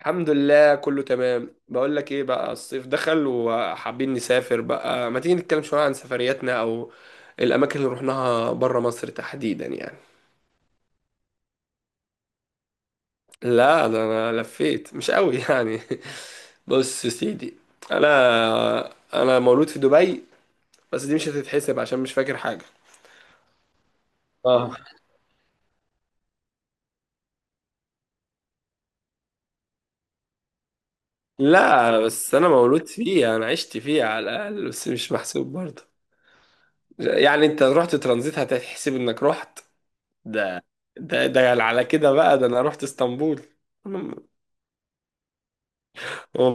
الحمد لله كله تمام. بقول لك ايه بقى، الصيف دخل وحابين نسافر بقى، ما تيجي نتكلم شوية عن سفرياتنا او الاماكن اللي رحناها بره مصر تحديدا يعني. لا ده انا لفيت مش قوي يعني. بص يا سيدي، انا انا مولود في دبي، بس دي مش هتتحسب عشان مش فاكر حاجة. اه. لا بس انا مولود فيه، انا عشت فيه على الاقل، بس مش محسوب برضه. يعني انت رحت ترانزيت هتحسب انك رحت؟ ده ده يعني على كده بقى، ده انا رحت اسطنبول. أنا-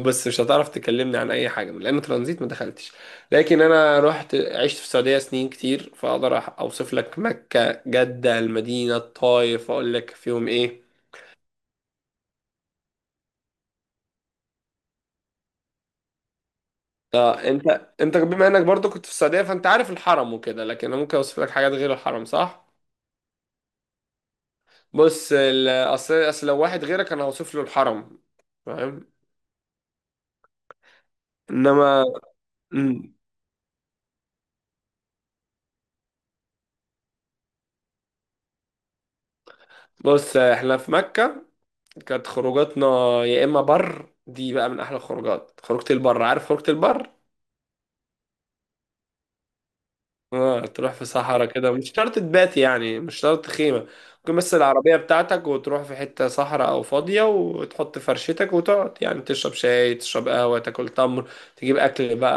بس مش هتعرف تكلمني عن اي حاجه لان ترانزيت ما دخلتش. لكن انا رحت عشت في السعوديه سنين كتير، فاقدر اوصف لك مكه، جده، المدينه، الطائف، اقول لك فيهم ايه. اه. انت انت بما انك برضو كنت في السعوديه فانت عارف الحرم وكده، لكن انا ممكن اوصف لك حاجات غير الحرم، صح؟ بص، اصل لو واحد غيرك انا هوصف له الحرم، فاهم؟ انما مم. بص احنا في مكه، كانت خروجاتنا يا اما بر. دي بقى من احلى الخروجات، خروجة البر، عارف خروجة البر؟ اه تروح في صحراء كده، مش شرط تبات يعني مش شرط خيمة، ممكن بس العربية بتاعتك وتروح في حتة صحراء او فاضية وتحط فرشتك وتقعد، يعني تشرب شاي، تشرب قهوة، تاكل تمر، تجيب اكل بقى،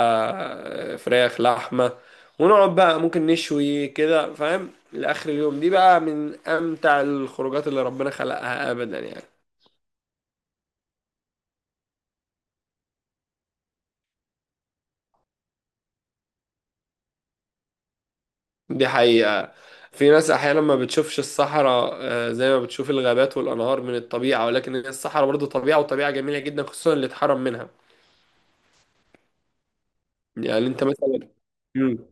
فراخ، لحمة، ونقعد بقى ممكن نشوي كده فاهم، لآخر اليوم. دي بقى من امتع الخروجات اللي ربنا خلقها ابدا يعني. دي حقيقة، في ناس أحيانا ما بتشوفش الصحراء، زي ما بتشوف الغابات والأنهار من الطبيعة، ولكن هي الصحراء برضو طبيعة، وطبيعة جميلة جدا، خصوصا اللي اتحرم منها. يعني أنت مثلا. مم.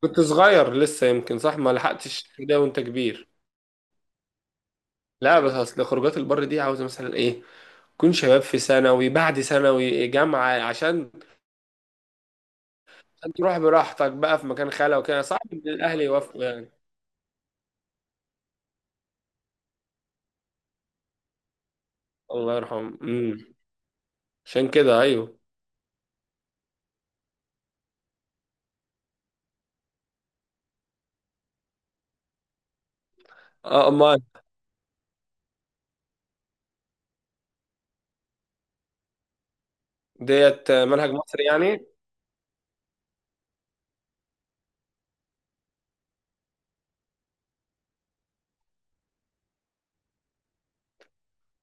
كنت صغير لسه يمكن، صح؟ ما لحقتش ده وأنت كبير. لا بس أصل خروجات البر دي عاوزة مثلا إيه، تكون شباب في ثانوي، بعد ثانوي جامعة. عشان عشان تروح براحتك بقى في مكان خالي وكده صعب إن الأهل يوافقوا يعني. الله يرحمه. مم. عشان كده أيوه. اه، امال. ديت منهج مصري يعني؟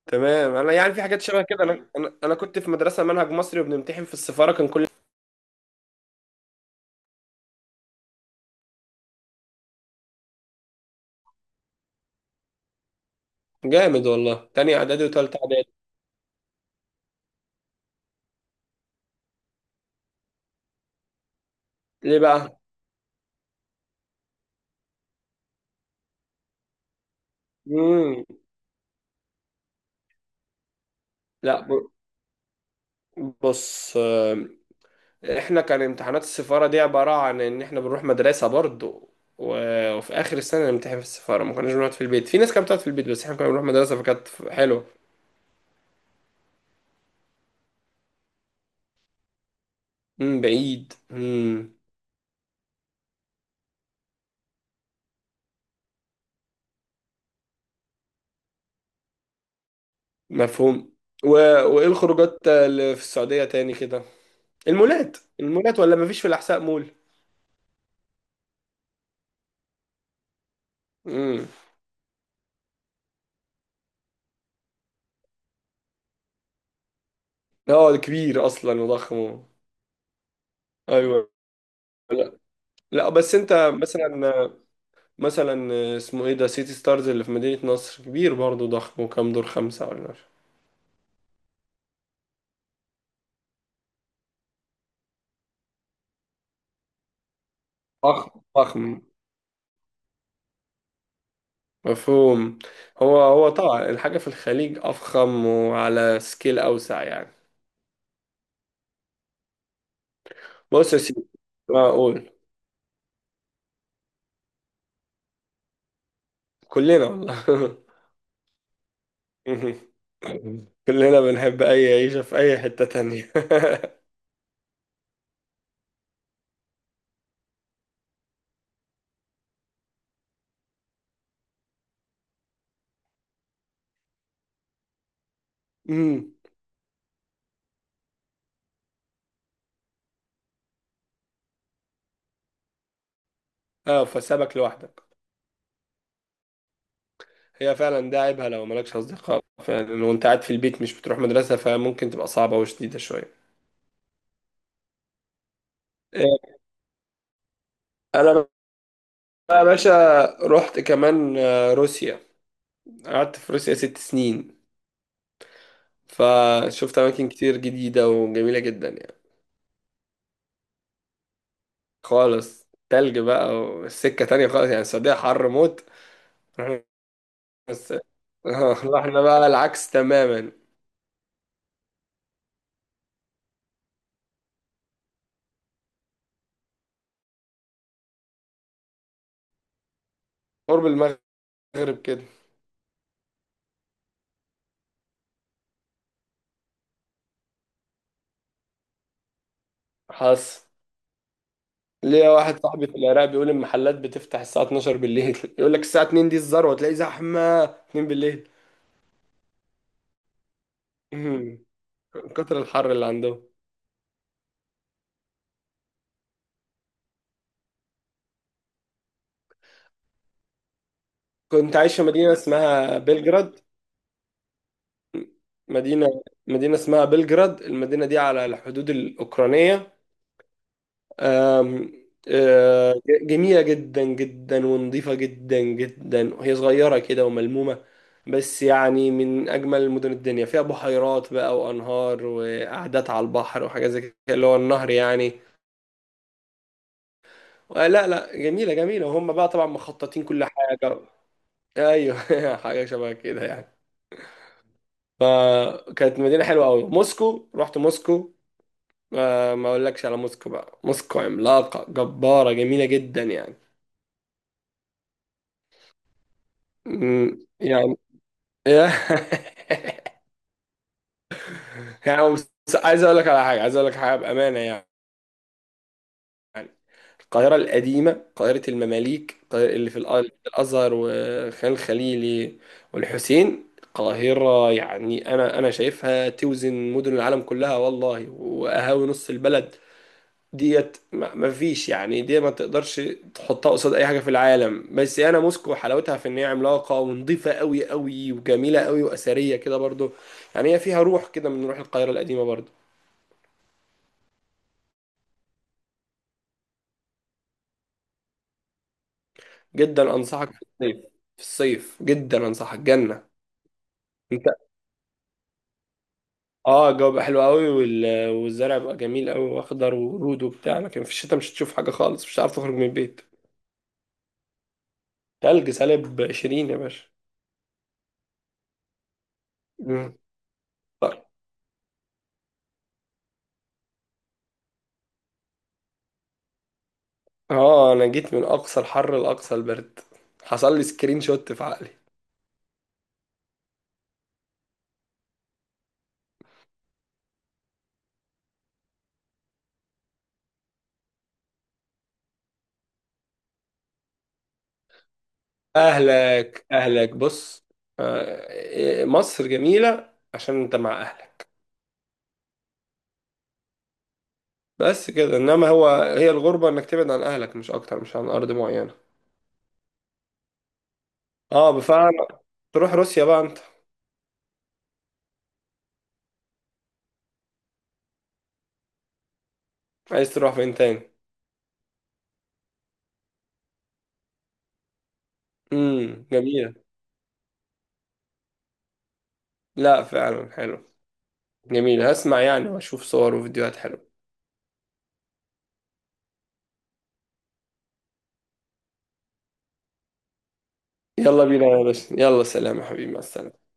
تمام. انا يعني في حاجات شبه كده، انا كنت في مدرسه منهج مصري وبنمتحن في السفاره، كان كل... جامد والله، تاني اعدادي وتالتة اعدادي! ليه بقى؟ امم. لا ب- بص احنا كان امتحانات السفاره دي عباره عن ان احنا بنروح مدرسه برضو، وفي اخر السنه نمتحن في السفاره، ما كناش بنقعد في البيت. في ناس كانت بتقعد في البيت بس احنا كنا بنروح مدرسه فكانت حلوه. امم، بعيد. امم. مفهوم. و... وايه الخروجات اللي في السعوديه تاني كده؟ المولات؟ المولات ولا مفيش في الاحساء مول؟ مم. اه ده كبير اصلا وضخم. ايوه. لا، لا بس انت مثلا، مثلا اسمه ايه ده، سيتي ستارز اللي في مدينة نصر، كبير برضه ضخم، وكام دور، خمسة ولا مش... ضخم ضخم. مفهوم. هو هو طبعا الحاجة في الخليج أفخم وعلى سكيل أوسع يعني. بص يا سيدي، معقول. كلنا والله. كلنا بنحب أي عيشة في أي حتة تانية. أمم. اه، فسابك لوحدك. هي فعلا ده عيبها، لو مالكش أصدقاء فعلا وأنت قاعد في البيت مش بتروح مدرسة فممكن تبقى صعبة وشديدة شوية. إيه، أنا بقى يا باشا رحت كمان روسيا، قعدت في روسيا 6 سنين، فشفت أماكن كتير جديدة وجميلة جدا يعني. خالص تلج بقى والسكة تانية خالص، يعني السعودية حر موت. رحنا بس رحنا بقى العكس تماما. قرب المغرب كده. حصل ليا واحد صاحبي في العراق بيقول المحلات بتفتح الساعة 12 بالليل، يقول لك الساعة 2 دي الذروة، تلاقي زحمة 2 بالليل. مم. كتر الحر اللي عندهم. كنت عايش في مدينة اسمها بلجراد. مدينة مدينة اسمها بلجراد، المدينة دي على الحدود الأوكرانية. آم، آه، جميلة جدا جدا ونظيفة جدا جدا، وهي صغيرة كده وملمومة، بس يعني من أجمل مدن الدنيا. فيها بحيرات بقى وأنهار وقعدات على البحر وحاجات زي كده، اللي هو النهر يعني. لا لا، جميلة جميلة، وهم بقى طبعا مخططين كل حاجة. أيوه حاجة شبه كده يعني. فكانت مدينة حلوة أوي. موسكو، رحت موسكو، ما أقولكش على موسكو بقى، موسكو عملاقة جبارة جميلة جدا يعني. مم. يعني يعني عايز اقول لك على حاجه، عايز اقول لك حاجه بامانه يعني. القاهره القديمه، القاهره المماليك، القاهرة اللي في الازهر وخان الخليلي والحسين، القاهره يعني انا انا شايفها توزن مدن العالم كلها والله، واهاوي نص البلد ديت، ما فيش يعني، دي ما تقدرش تحطها قصاد اي حاجه في العالم. بس انا موسكو حلاوتها في ان هي عملاقه ونظيفه قوي قوي وجميله قوي واثريه كده برضو، يعني هي فيها روح كده من روح القاهره القديمه برضو. جدا انصحك، في الصيف، في الصيف جدا انصحك، جنة. انت اه الجو بقى حلو قوي، والزرع بقى جميل قوي واخضر، ورود وبتاع، لكن في الشتاء مش هتشوف حاجة خالص، مش هتعرف تخرج من البيت. تلج، سالب 20 يا باشا. مم. طيب. اه انا جيت من اقصى الحر لاقصى البرد، حصل لي سكرين شوت في عقلي. اهلك بص، مصر جميلة عشان انت مع اهلك، بس كده، انما هو هي الغربة انك تبعد عن اهلك، مش اكتر، مش عن ارض معينة. اه بفعل. تروح روسيا بقى انت. عايز تروح فين تاني؟ امم، جميلة. لا فعلا حلو، جميلة. هسمع يعني واشوف صور وفيديوهات حلوة. يلا بينا يا باشا، يلا سلام يا حبيبي، مع السلامة.